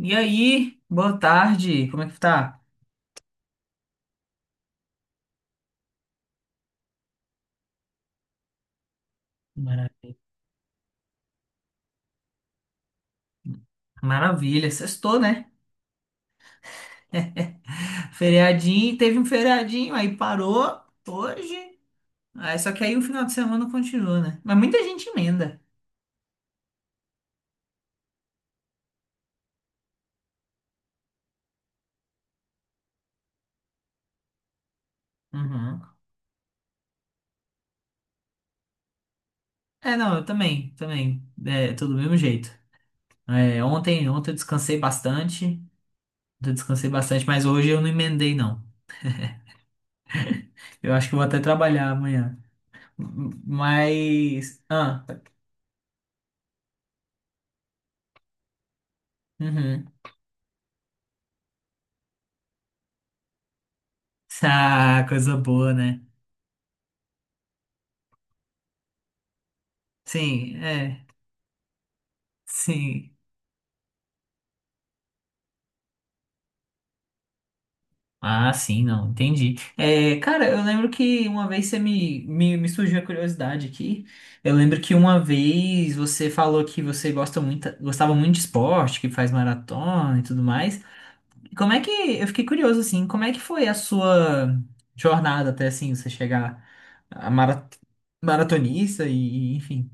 E aí, boa tarde, como é que tá? Mara- Maravilha, sextou, né? Feriadinho, teve um feriadinho, aí parou hoje. Aí, só que aí o final de semana continua, né? Mas muita gente emenda. Uhum. É, não, eu também, também. É, tô do mesmo jeito. É, ontem eu descansei bastante. Ontem eu descansei bastante, mas hoje eu não emendei, não. Eu acho que eu vou até trabalhar amanhã. M- Mas. Ah, uhum. Ah, coisa boa, né? Sim, é. Sim. Ah, sim, não, entendi. É, cara, eu lembro que uma vez você me surgiu a curiosidade aqui. Eu lembro que uma vez você falou que você gosta muito, gostava muito de esporte, que faz maratona e tudo mais. Como é que, eu fiquei curioso, assim, como é que foi a sua jornada até, assim, você chegar a maratonista enfim.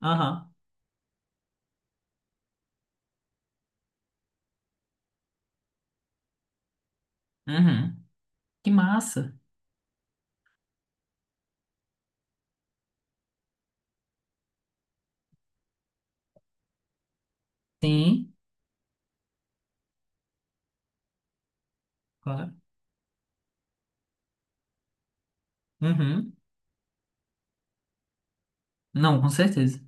Aham, uhum. Que massa. Sim, claro. Uhum. Não, com certeza.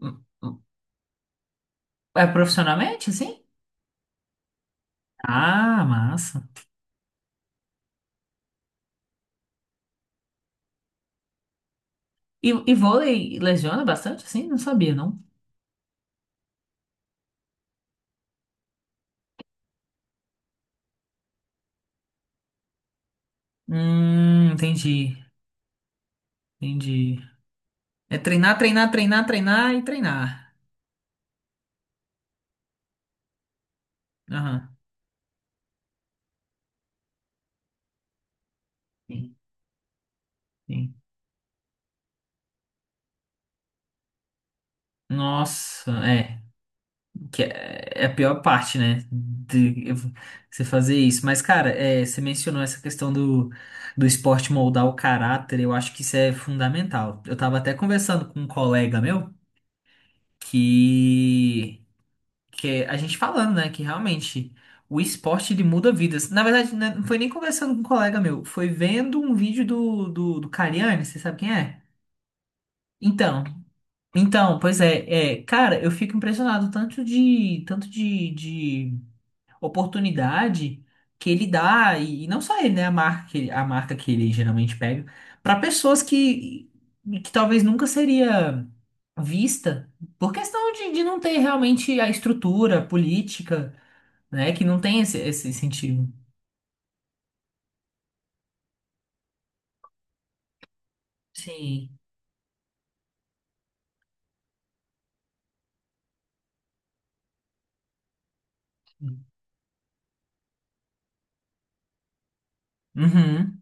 Hum, hum. É profissionalmente, assim? Ah, massa. E vôlei lesiona bastante, assim? Não sabia, não. Entendi, entendi. É treinar, treinar, treinar, treinar e treinar. Aham. Sim, sim. Nossa, é, que é a pior parte, né? Você fazer isso. Mas, cara, é, você mencionou essa questão do esporte moldar o caráter, eu acho que isso é fundamental. Eu tava até conversando com um colega meu que que é a gente falando, né, que realmente o esporte ele muda vidas. Na verdade, né, não foi nem conversando com um colega meu, foi vendo um vídeo do Cariani, você sabe quem é? Então, então, pois é, é, cara, eu fico impressionado de oportunidade que ele dá, e não só ele, né, a marca que ele geralmente pega, para pessoas que talvez nunca seria vista, por questão de não ter realmente a estrutura política, né? Que não tem esse incentivo. Sim. Uhum.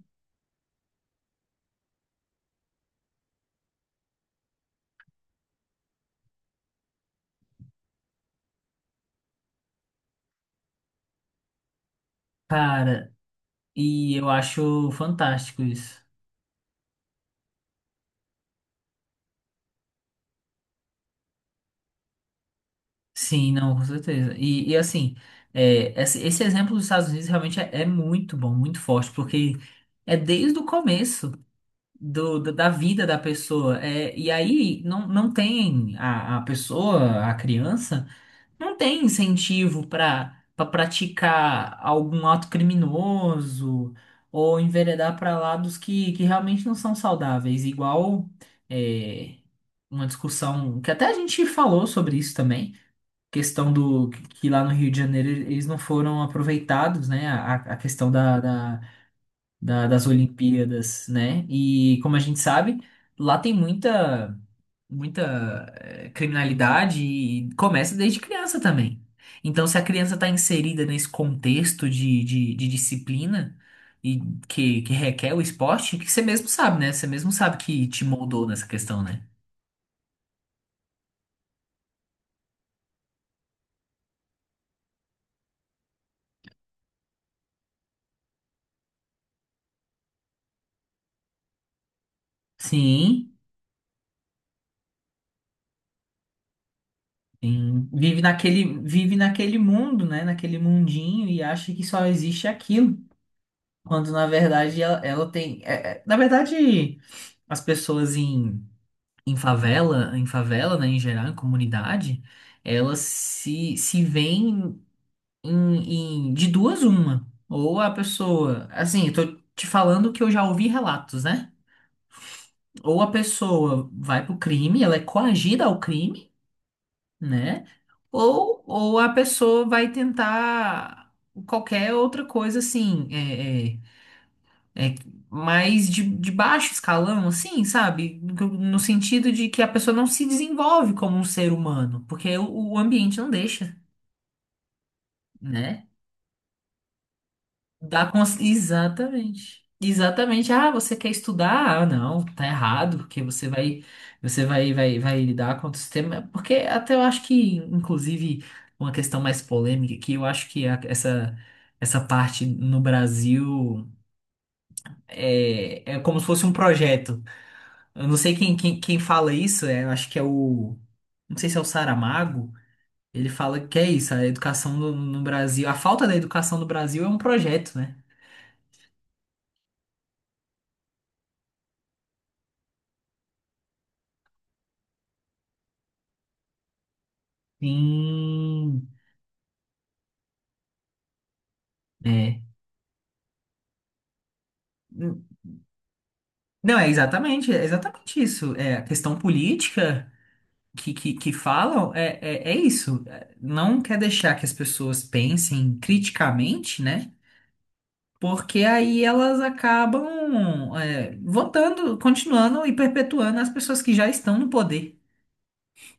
Cara, e eu acho fantástico isso. Sim, não, com certeza. E assim, é, esse exemplo dos Estados Unidos realmente é, é muito bom, muito forte, porque é desde o começo da da vida da pessoa. É, e aí não, não tem a pessoa, a criança. Não tem incentivo para para praticar algum ato criminoso ou enveredar para lados que realmente não são saudáveis. Igual é, uma discussão que até a gente falou sobre isso também, questão do que lá no Rio de Janeiro eles não foram aproveitados, né? A questão das Olimpíadas, né? E como a gente sabe, lá tem muita eh, criminalidade e começa desde criança também. Então, se a criança está inserida nesse contexto de disciplina e que requer o esporte, que você mesmo sabe, né? Você mesmo sabe que te moldou nessa questão, né? Sim, sim. Vive naquele mundo, né? Naquele mundinho e acha que só existe aquilo. Quando na verdade ela tem. Na verdade, as pessoas em em favela, né, em geral, em comunidade, elas se veem de duas uma. Ou a pessoa, assim, eu tô te falando que eu já ouvi relatos, né? Ou a pessoa vai pro crime, ela é coagida ao crime, né? Ou a pessoa vai tentar qualquer outra coisa, assim, é, mais de baixo escalão, assim, sabe? No sentido de que a pessoa não se desenvolve como um ser humano, porque o ambiente não deixa, né? Exatamente. Exatamente. Ah, você quer estudar? Ah, não, tá errado, porque você vai, vai lidar contra o sistema. Porque até eu acho que, inclusive, uma questão mais polêmica que eu acho que essa parte no Brasil é, é como se fosse um projeto. Eu não sei quem fala isso, é, eu acho que é o. Não sei se é o Saramago. Ele fala que é isso, a educação no Brasil. A falta da educação no Brasil é um projeto, né? Sim. É. Não, é exatamente isso. É, a questão política que falam é, é isso. É, não quer deixar que as pessoas pensem criticamente, né? Porque aí elas acabam, é, votando, continuando e perpetuando as pessoas que já estão no poder.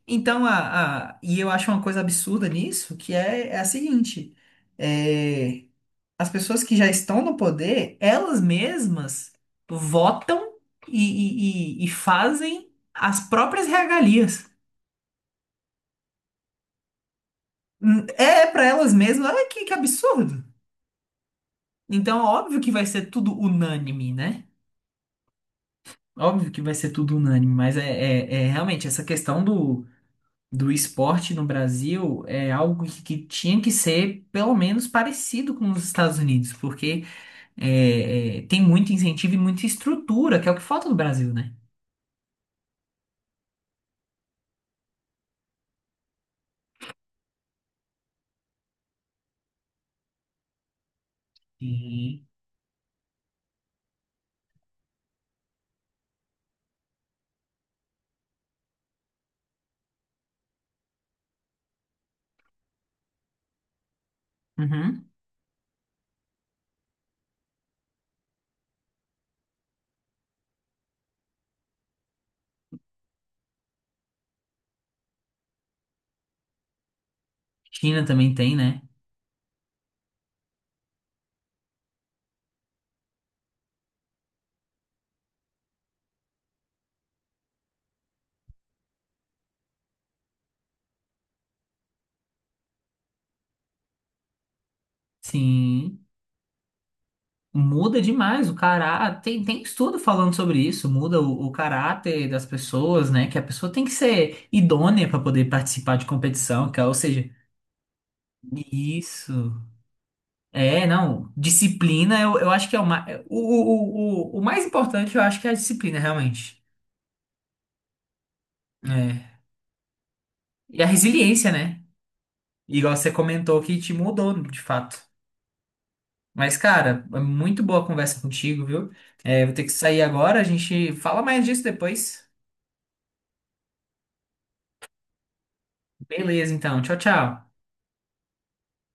Então, e eu acho uma coisa absurda nisso, que é, é a seguinte: é, as pessoas que já estão no poder, elas mesmas votam e, e fazem as próprias regalias. É para elas mesmas, olha que absurdo. Então, óbvio que vai ser tudo unânime, né? Óbvio que vai ser tudo unânime, mas é, é realmente essa questão do esporte no Brasil é algo que tinha que ser pelo menos parecido com os Estados Unidos, porque é, é, tem muito incentivo e muita estrutura, que é o que falta no Brasil, né? Uhum. Uhum. China também tem, né? Sim. Muda demais o caráter. Tem, tem estudo falando sobre isso. Muda o caráter das pessoas, né? Que a pessoa tem que ser idônea para poder participar de competição, que, é, ou seja, isso. É, não. Disciplina, eu acho que é o, mais. O mais importante, eu acho que é a disciplina, realmente. É. E a resiliência, né? Igual você comentou que te mudou, de fato. Mas, cara, é muito boa a conversa contigo, viu? É, vou ter que sair agora, a gente fala mais disso depois. Beleza, então. Tchau, tchau.